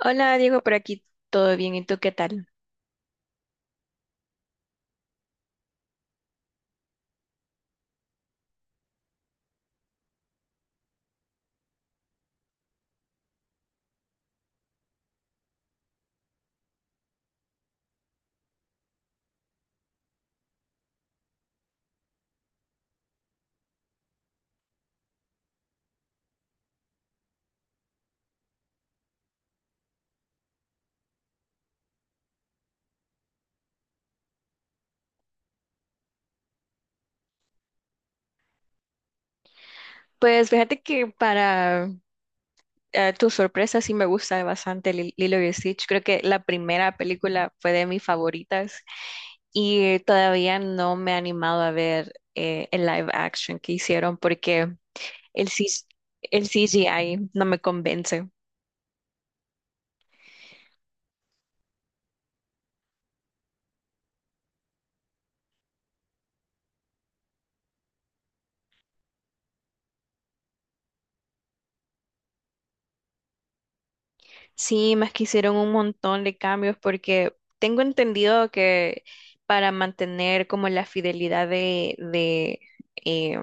Hola Diego, por aquí todo bien, ¿y tú qué tal? Pues fíjate que para tu sorpresa sí me gusta bastante Lilo y Stitch. Creo que la primera película fue de mis favoritas y todavía no me he animado a ver el live action que hicieron porque el, cis- el CGI no me convence. Sí, más que hicieron un montón de cambios porque tengo entendido que para mantener como la fidelidad eh,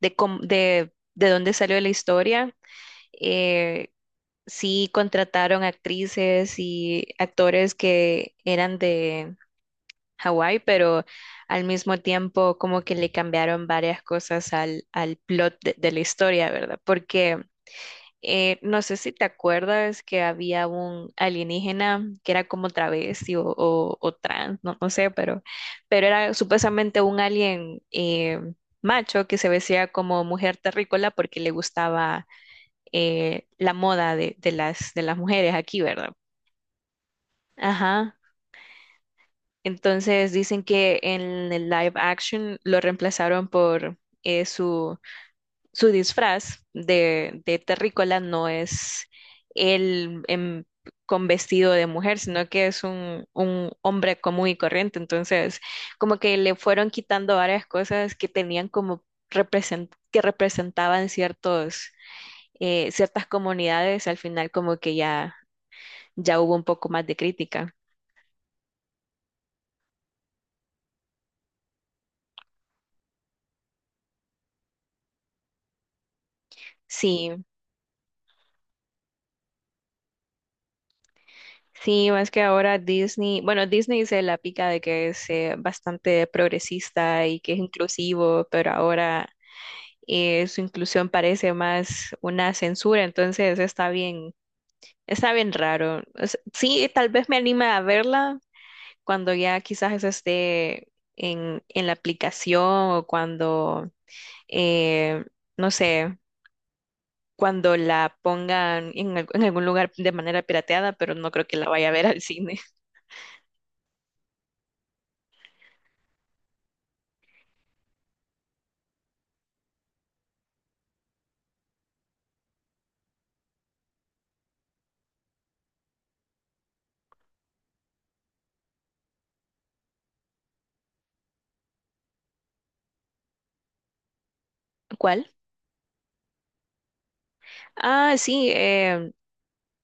de dónde salió la historia. Eh, sí contrataron actrices y actores que eran de Hawái, pero al mismo tiempo como que le cambiaron varias cosas al plot de la historia, ¿verdad? Porque no sé si te acuerdas que había un alienígena que era como travesti o trans, no, no sé, pero era supuestamente un alien macho que se vestía como mujer terrícola porque le gustaba la moda de las mujeres aquí, ¿verdad? Ajá. Entonces dicen que en el live action lo reemplazaron por eh, su su disfraz de terrícola no es él en- con vestido de mujer, sino que es un hombre común y corriente. Entonces, como que le fueron quitando varias cosas que tenían como que representaban ciertas comunidades, al final como que ya hubo un poco más de crítica. Sí. Sí, más que ahora Disney, bueno, Disney se la pica de que es bastante progresista y que es inclusivo, pero ahora su inclusión parece más una censura, entonces está bien raro. O sí, tal vez me anime a verla cuando ya quizás eso esté en la aplicación o cuando, eh, no sé, cuando la pongan en algún lugar de manera pirateada, pero no creo que la vaya a ver al cine. ¿Cuál? Ah, sí,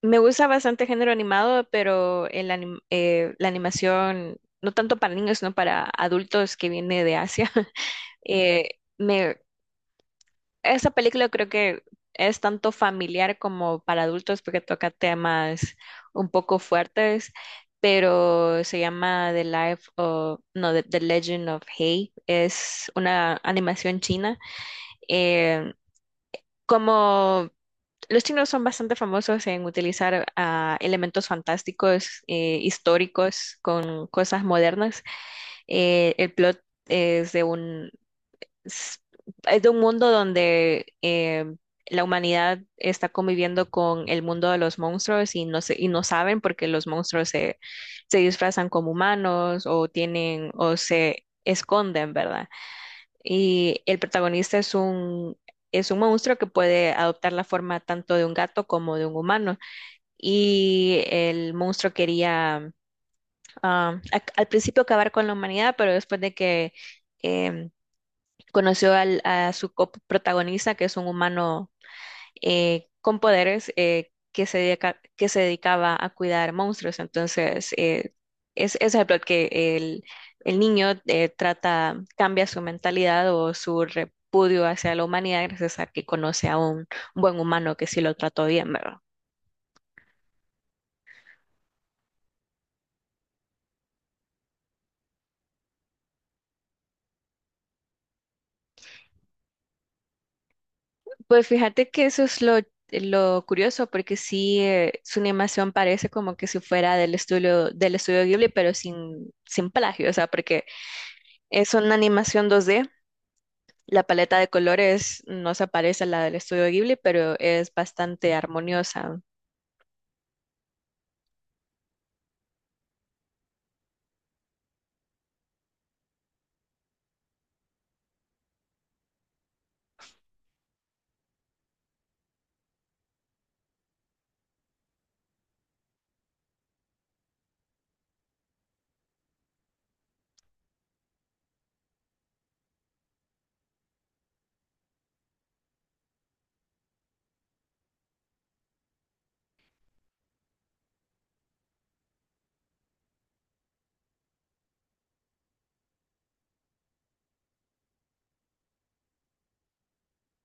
Me gusta bastante género animado, pero la animación, no tanto para niños, sino para adultos que viene de Asia. Eh, me, Esa película creo que es tanto familiar como para adultos porque toca temas un poco fuertes, pero se llama no, The Legend of Hei. Es una animación china. Eh, Como los chinos son bastante famosos en utilizar elementos fantásticos, históricos, con cosas modernas. El plot es de un, es de un mundo donde la humanidad está conviviendo con el mundo de los monstruos y no saben porque los monstruos se disfrazan como humanos o tienen o se esconden, ¿verdad? Y el protagonista es un monstruo que puede adoptar la forma tanto de un gato como de un humano. Y el monstruo quería al principio acabar con la humanidad, pero después de que em, conoció a su coprotagonista, que es un humano con poderes que se dedicaba a cuidar monstruos. Entonces, es el plot que el niño cambia su mentalidad o su repudio hacia la humanidad gracias a que conoce a un buen humano que sí lo trató bien, ¿verdad? Pues fíjate que eso es lo curioso, porque sí, su animación parece como que si fuera del estudio Ghibli, pero sin plagio, o sea, porque es una animación 2D. La paleta de colores no se parece a la del estudio Ghibli, pero es bastante armoniosa.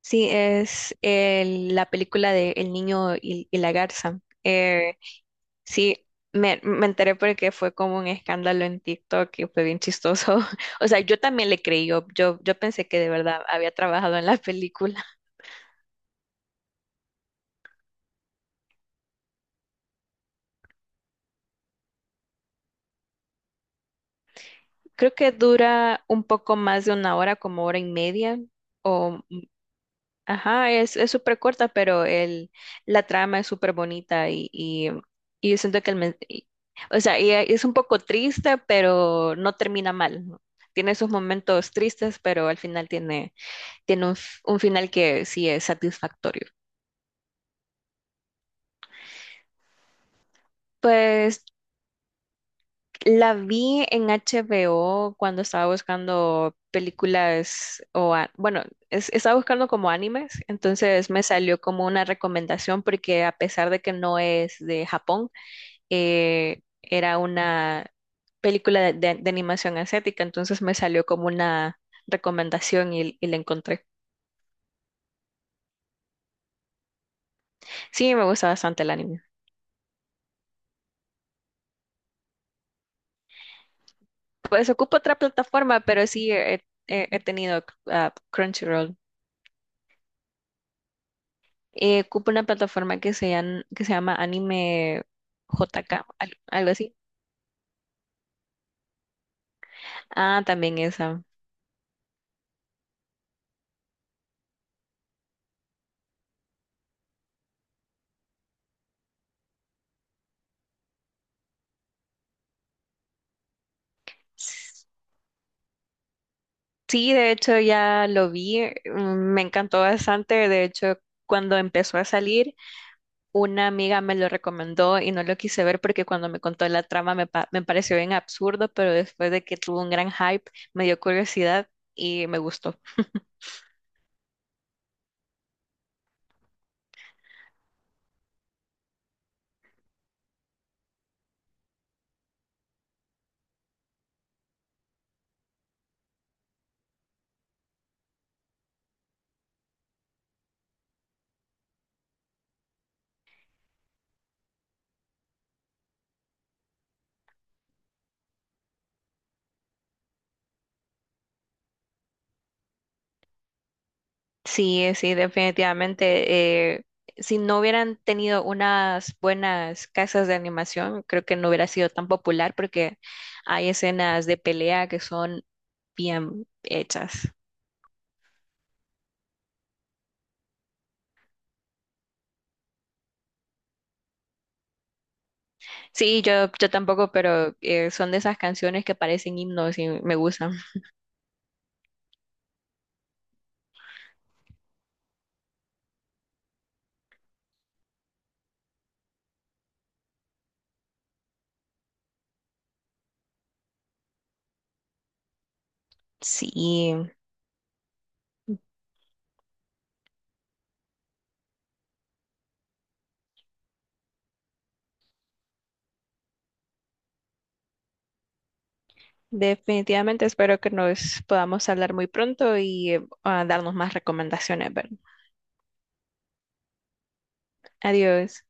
Sí, es la película de El niño y la garza. Sí, me enteré porque fue como un escándalo en TikTok y fue bien chistoso. O sea, yo también le creí, yo pensé que de verdad había trabajado en la película. Creo que dura un poco más de una hora, como hora y media o. Ajá, es súper corta, pero la trama es súper bonita y yo siento que o sea, y es un poco triste, pero no termina mal, ¿no? Tiene esos momentos tristes, pero al final tiene un final que sí es satisfactorio. Pues la vi en HBO cuando estaba buscando películas bueno, estaba buscando como animes, entonces me salió como una recomendación porque a pesar de que no es de Japón, era una película de animación asiática, entonces me salió como una recomendación y la encontré. Sí, me gusta bastante el anime. Pues ocupo otra plataforma, pero sí he tenido Crunchyroll. Ocupo una plataforma que que se llama Anime JK, algo así. Ah, también esa. Sí, de hecho ya lo vi, me encantó bastante, de hecho cuando empezó a salir. Una amiga me lo recomendó y no lo quise ver porque cuando me contó la trama me pareció bien absurdo, pero después de que tuvo un gran hype me dio curiosidad y me gustó. Sí, sí, definitivamente. Si no hubieran tenido unas buenas casas de animación, creo que no hubiera sido tan popular porque hay escenas de pelea que son bien hechas. Sí, yo tampoco, pero son de esas canciones que parecen himnos y me gustan. Sí. Definitivamente espero que nos podamos hablar muy pronto y a darnos más recomendaciones, ¿verdad? Adiós.